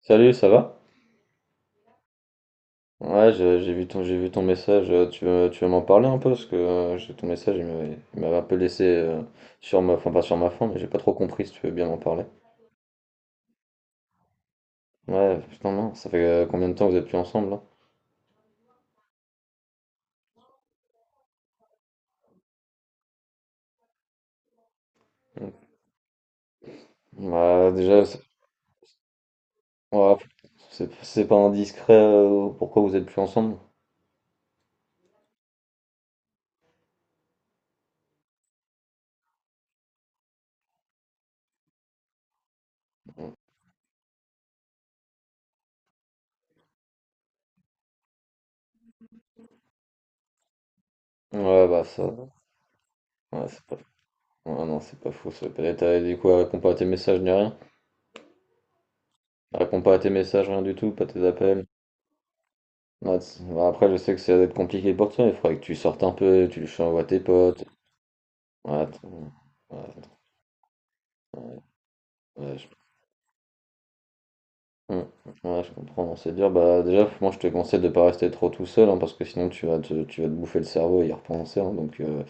Salut, ça va? Ouais, j'ai vu ton message. Tu veux m'en parler un peu? Parce que ton message, il m'avait un peu laissé sur ma, enfin pas sur ma faim, mais j'ai pas trop compris si tu veux bien m'en parler. Ouais, putain, non, ça fait combien de temps que vous êtes plus ensemble là? Bah, déjà, c'est ouais, c'est pas indiscret, pourquoi vous êtes plus ensemble? Ouais, bah ça, ouais, c'est pas, ouais, non, c'est pas fou. Ça peut-être, t'as dit quoi? Répond pas à tes messages ni rien? Réponds pas à tes messages, rien du tout, pas tes appels. Ouais, ouais, après, je sais que ça va être compliqué pour toi, il faudrait que tu sortes un peu, tu le envoies à tes potes. Ouais, ouais, ouais, hum, ouais, je comprends, non, c'est dur. Bah, déjà, moi, je te conseille de pas rester trop tout seul, hein, parce que sinon, tu vas te bouffer le cerveau et y repenser, hein. Donc,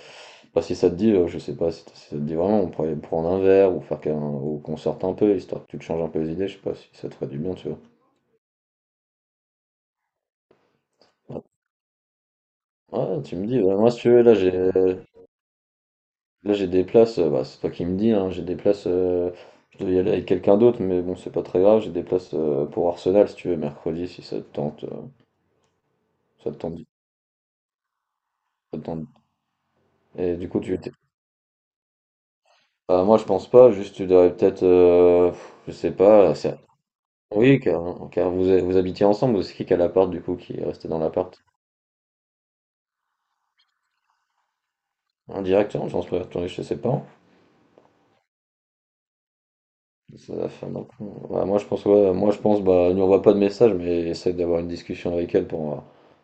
bah, si ça te dit, je sais pas si, si ça te dit vraiment, on pourrait prendre un verre ou faire qu'un, ou qu'on sorte un peu, histoire que tu te changes un peu les idées, je sais pas si ça te ferait du bien, tu vois. Ouais, ouais, tu me dis, bah, moi, si tu veux, là, j'ai des places, bah, c'est toi qui me dis, hein, j'ai des places, je devais y aller avec quelqu'un d'autre, mais bon, c'est pas très grave, j'ai des places pour Arsenal si tu veux, mercredi, si ça te tente. Ça te tente, ça te tente. Et du coup, tu étais. Bah, moi, je pense pas, juste tu devrais peut-être, je sais pas, oui, car vous, vous habitiez ensemble, ou c'est qui a l'appart du coup qui est resté dans l'appart? Indirectement, je pense pas, attendez, je sais pas. Ça la fin non plus. Ouais, moi je pense bah nous envoie pas de message mais essaie d'avoir une discussion avec elle pour, euh,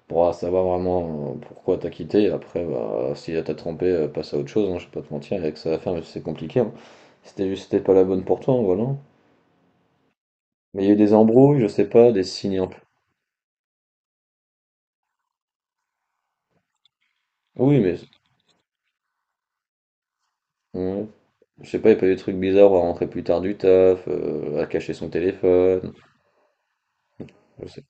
pour euh, savoir vraiment pourquoi t'as quitté et après bah si elle t'a trompé, passe à autre chose, hein, je vais pas te mentir avec ça, sa femme c'est compliqué, hein. C'était pas la bonne pour toi, hein, voilà. Mais il y a eu des embrouilles, je sais pas, des signes un peu. Oui mais ouais. Je sais pas, il y a pas eu des trucs bizarres, à rentrer plus tard du taf, à cacher son téléphone, je sais.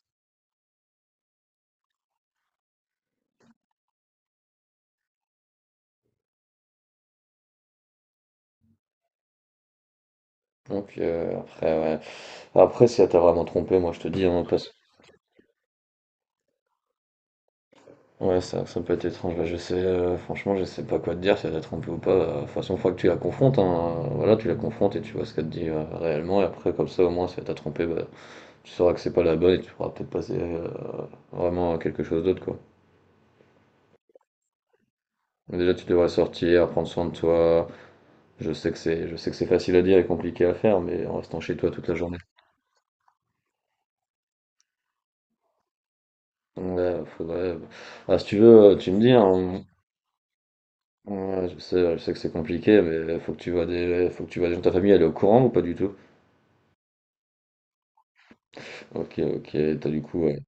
Donc après ouais. Après si elle t'a vraiment trompé, moi je te dis, hein, passe. Ouais, ça peut être étrange. Bah, je sais, franchement, je sais pas quoi te dire, si elle t'a trompé ou pas. De toute façon, une fois que tu la confrontes, hein, voilà, tu la confrontes et tu vois ce qu'elle te dit réellement. Et après, comme ça, au moins, si elle t'a trompé, bah, tu sauras que c'est pas la bonne et tu pourras peut-être passer vraiment à quelque chose d'autre, quoi. Mais déjà, tu devrais sortir, prendre soin de toi. Je sais que c'est facile à dire et compliqué à faire, mais en restant chez toi toute la journée. Ouais, faudrait, ah, si tu veux, tu me dis, hein. Ouais, je sais que c'est compliqué, mais faut que tu vois des, faut que tu vois des gens de ta famille, elle est au courant ou pas du tout? Ok, ok, t'as du coup, ouais.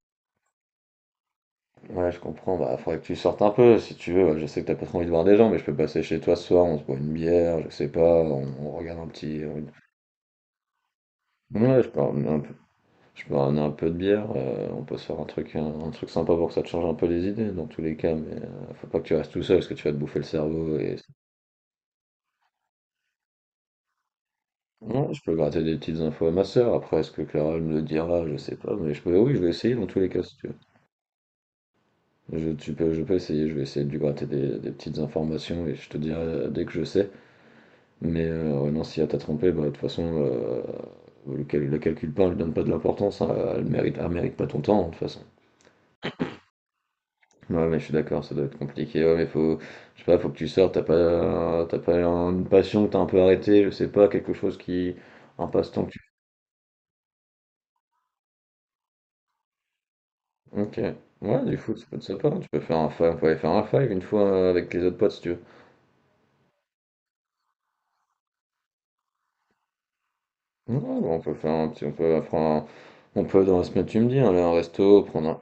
Ouais, je comprends, bah faudrait que tu sortes un peu si tu veux. Ouais, je sais que t'as pas trop envie de voir des gens, mais je peux passer chez toi ce soir, on se boit une bière, je sais pas, on regarde un petit. Ouais, je peux ramener un peu de bière, on peut se faire un truc, un truc sympa pour que ça te change un peu les idées dans tous les cas, mais faut pas que tu restes tout seul parce que tu vas te bouffer le cerveau et. Ouais, je peux gratter des petites infos à ma sœur, après est-ce que Clara elle me le dira, je sais pas, mais oui, je vais essayer dans tous les cas si tu veux. Tu peux, je peux essayer, je vais essayer de lui gratter des petites informations et je te dirai dès que je sais. Mais ouais, non, si elle t'a trompé, bah, de toute façon, le calcul pas, elle donne pas de l'importance, hein, elle mérite pas ton temps, hein, de toute façon. Ouais, mais je suis d'accord, ça doit être compliqué. Ouais, mais je sais pas, faut que tu sortes, t'as pas une passion que t'as un peu arrêtée, je sais pas, quelque chose qui, un passe-temps que tu. Ok. Ouais, du foot, ça peut être sympa, hein. Tu peux faire un five, on peut aller faire un five une fois avec les autres potes si tu veux. Ouais, bah, on peut dans la semaine, tu me dis, aller à un resto, prendre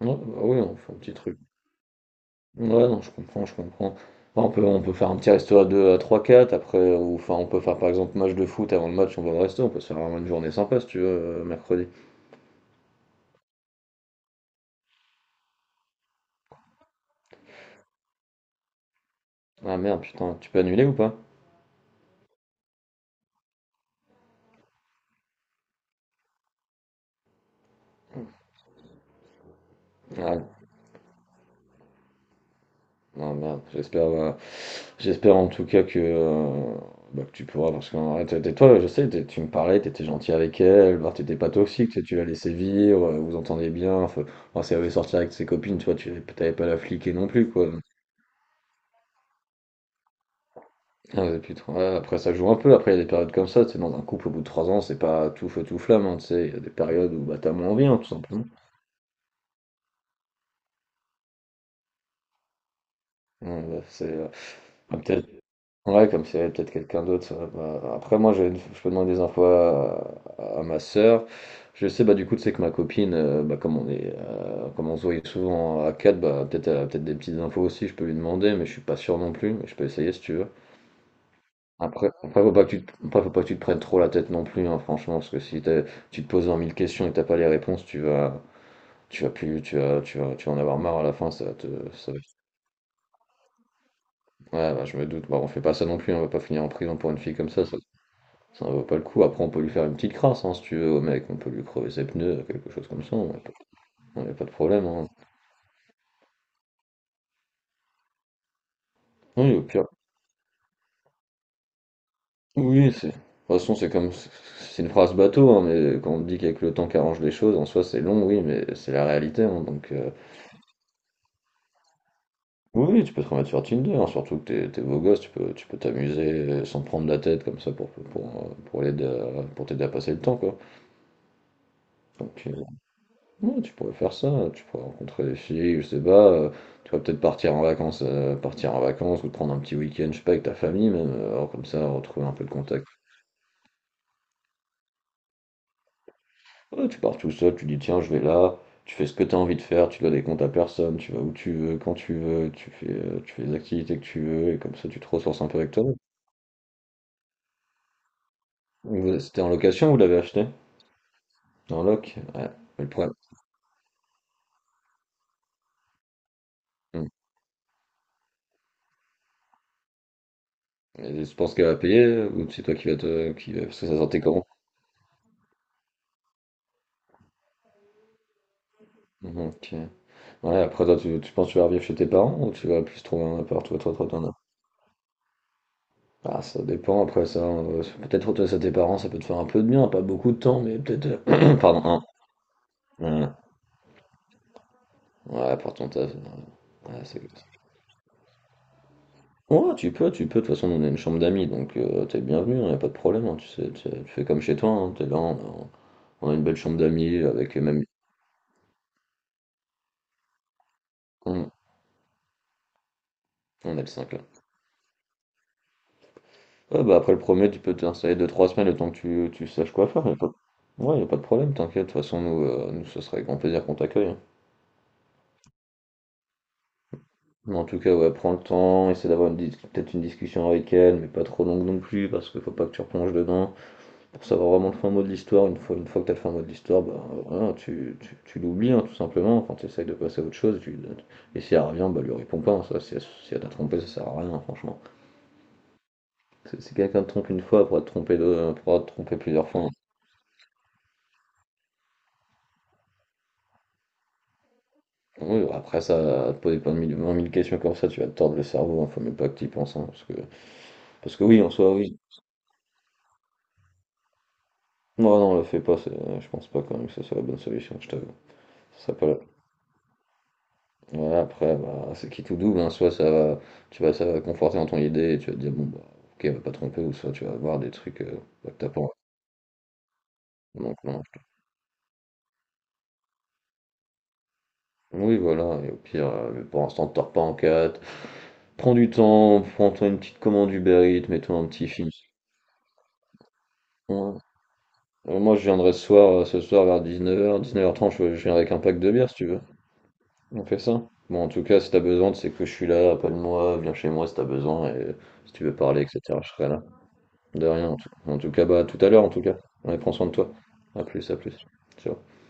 un. Ouais, bah oui, on fait un petit truc. Ouais, non, je comprends, je comprends. Enfin, on peut faire un petit resto à 2 à trois quatre après, ou enfin, on peut faire par exemple match de foot avant le match, on va au resto, on peut se faire vraiment une journée sympa si tu veux, mercredi. Ah merde, putain, tu peux annuler ou pas? Ah, ah, merde, j'espère en tout cas que, bah, que tu pourras, parce que toi, je sais, tu me parlais, t'étais gentil avec elle, bah, t'étais pas toxique, tu l'as laissé vivre, vous entendez bien, enfin, enfin, si elle avait sorti avec ses copines, tu vois, tu t'avais pas la fliquer non plus, quoi. Ah ouais, depuis ouais, après ça joue un peu, après il y a des périodes comme ça, tu sais, dans un couple au bout de 3 ans, c'est pas tout feu tout flamme, hein, tu sais, il y a des périodes où bah t'as moins envie, hein, tout simplement. Ouais, bah, c'est bah, peut-être ouais, comme s'il y avait peut-être quelqu'un d'autre. Ça, bah, après moi je peux demander des infos à ma sœur. Je sais bah du coup tu sais que ma copine, bah comme on se voyait souvent à 4, bah peut-être elle a peut-être des petites infos aussi, je peux lui demander, mais je suis pas sûr non plus, mais je peux essayer si tu veux. Après, après, faut pas que tu te, après, faut pas que tu te prennes trop la tête non plus, hein, franchement, parce que si tu te poses 20 mille questions et t'as pas les réponses, tu vas en avoir marre à la fin, ça va te, ça va- ouais, bah, je me doute. Bah, on fait pas ça non plus, hein, on va pas finir en prison pour une fille comme ça, ça en vaut pas le coup. Après, on peut lui faire une petite crasse, hein, si tu veux, au mec, on peut lui crever ses pneus, quelque chose comme ça, on a pas de problème, hein. Oui, au pire, oui, de toute façon, c'est une phrase bateau, hein, mais quand on dit qu'avec le temps qu'arrange les choses, en soi, c'est long, oui, mais c'est la réalité, hein, donc. Oui, tu peux te remettre sur Tinder, hein, surtout que t'es beau gosse, tu peux t'amuser sans te prendre la tête comme ça pour t'aider à passer le temps, quoi. Donc ouais, tu pourrais faire ça, tu pourrais rencontrer des filles, je sais pas, tu pourrais peut-être partir en vacances ou te prendre un petit week-end, je sais pas, avec ta famille même, alors comme ça retrouver un peu de contact. Ouais, tu pars tout seul, tu dis tiens je vais là, tu fais ce que t'as envie de faire, tu dois des comptes à personne, tu vas où tu veux, quand tu veux, tu fais les activités que tu veux et comme ça tu te ressources un peu avec toi-même. C'était en location, vous l'avez acheté? Dans lock ouais. Mais le problème. Hmm. Et tu penses qu'elle va payer ou c'est toi qui va te. Qui va... Parce que ça sortait comment? Mhm, ok. Ouais, après toi, tu penses que tu vas revivre chez tes parents ou tu vas plus trouver un appart, toi, t'en as? Ah, ça dépend après ça, peut-être toi chez tes parents, ça peut te faire un peu de bien, pas beaucoup de temps, mais peut-être, pardon, hein. Ouais, ouais, pour ton taf. Ouais, ouais, c'est ouais, tu peux. De toute façon, nous, on a une chambre d'amis, donc t'es bienvenu, hein, y a pas de problème, hein, tu sais, tu fais comme chez toi, hein, t'es là, a, on a une belle chambre d'amis avec même. On, on a le 5 là. Ouais, bah après le premier, tu peux t'installer 2 trois semaines le temps que tu saches quoi faire. Y a pas... Ouais, y a pas de problème, t'inquiète. De toute façon, nous, ce serait avec grand plaisir qu'on t'accueille, hein. Mais en tout cas, ouais, prends le temps, essaie d'avoir une peut-être une discussion avec elle, mais pas trop longue non plus, parce qu'il faut pas que tu replonges dedans. Pour savoir vraiment le fin mot de l'histoire, une fois que t'as le fin mot de l'histoire, bah voilà, tu l'oublies, hein, tout simplement. Enfin, tu essayes de passer à autre chose, tu, et si elle revient, bah lui réponds pas, hein, si elle t'a trompé, ça sert à rien, hein, franchement. Si quelqu'un te trompe une fois, elle pourra te tromper, deux, elle pourra te tromper plusieurs fois, hein. Oui, après ça, à te poser 20 000 questions comme ça, tu vas te tordre le cerveau, hein, faut même pas que tu y penses, hein, parce que oui, en soi, oui. Non, non, le fais pas, je pense pas quand même que ce soit la bonne solution, je t'avoue. Ça serait pas la- Voilà, après, bah, c'est qui tout double, hein, soit ça va, ça va conforter dans ton idée, et tu vas te dire, bon, bah, ok, elle va pas tromper, ou soit tu vas voir des trucs, bah, que t'as pas envie. Donc, non. Oui, voilà, et au pire, mais pour l'instant, te tords pas en quatre. Prends du temps, prends-toi une petite commande Uber Eats, mets-toi un petit film. Ouais, moi, je viendrai ce soir vers 19h, 19h30, je viendrai avec un pack de bière si tu veux. On fait ça. Bon, en tout cas, si t'as besoin, tu sais que je suis là, appelle-moi, viens chez moi si t'as besoin, et si tu veux parler, etc., je serai là. De rien, en tout cas, bah, à tout à l'heure, en tout cas. Allez, prends soin de toi. À plus, à plus. Ciao.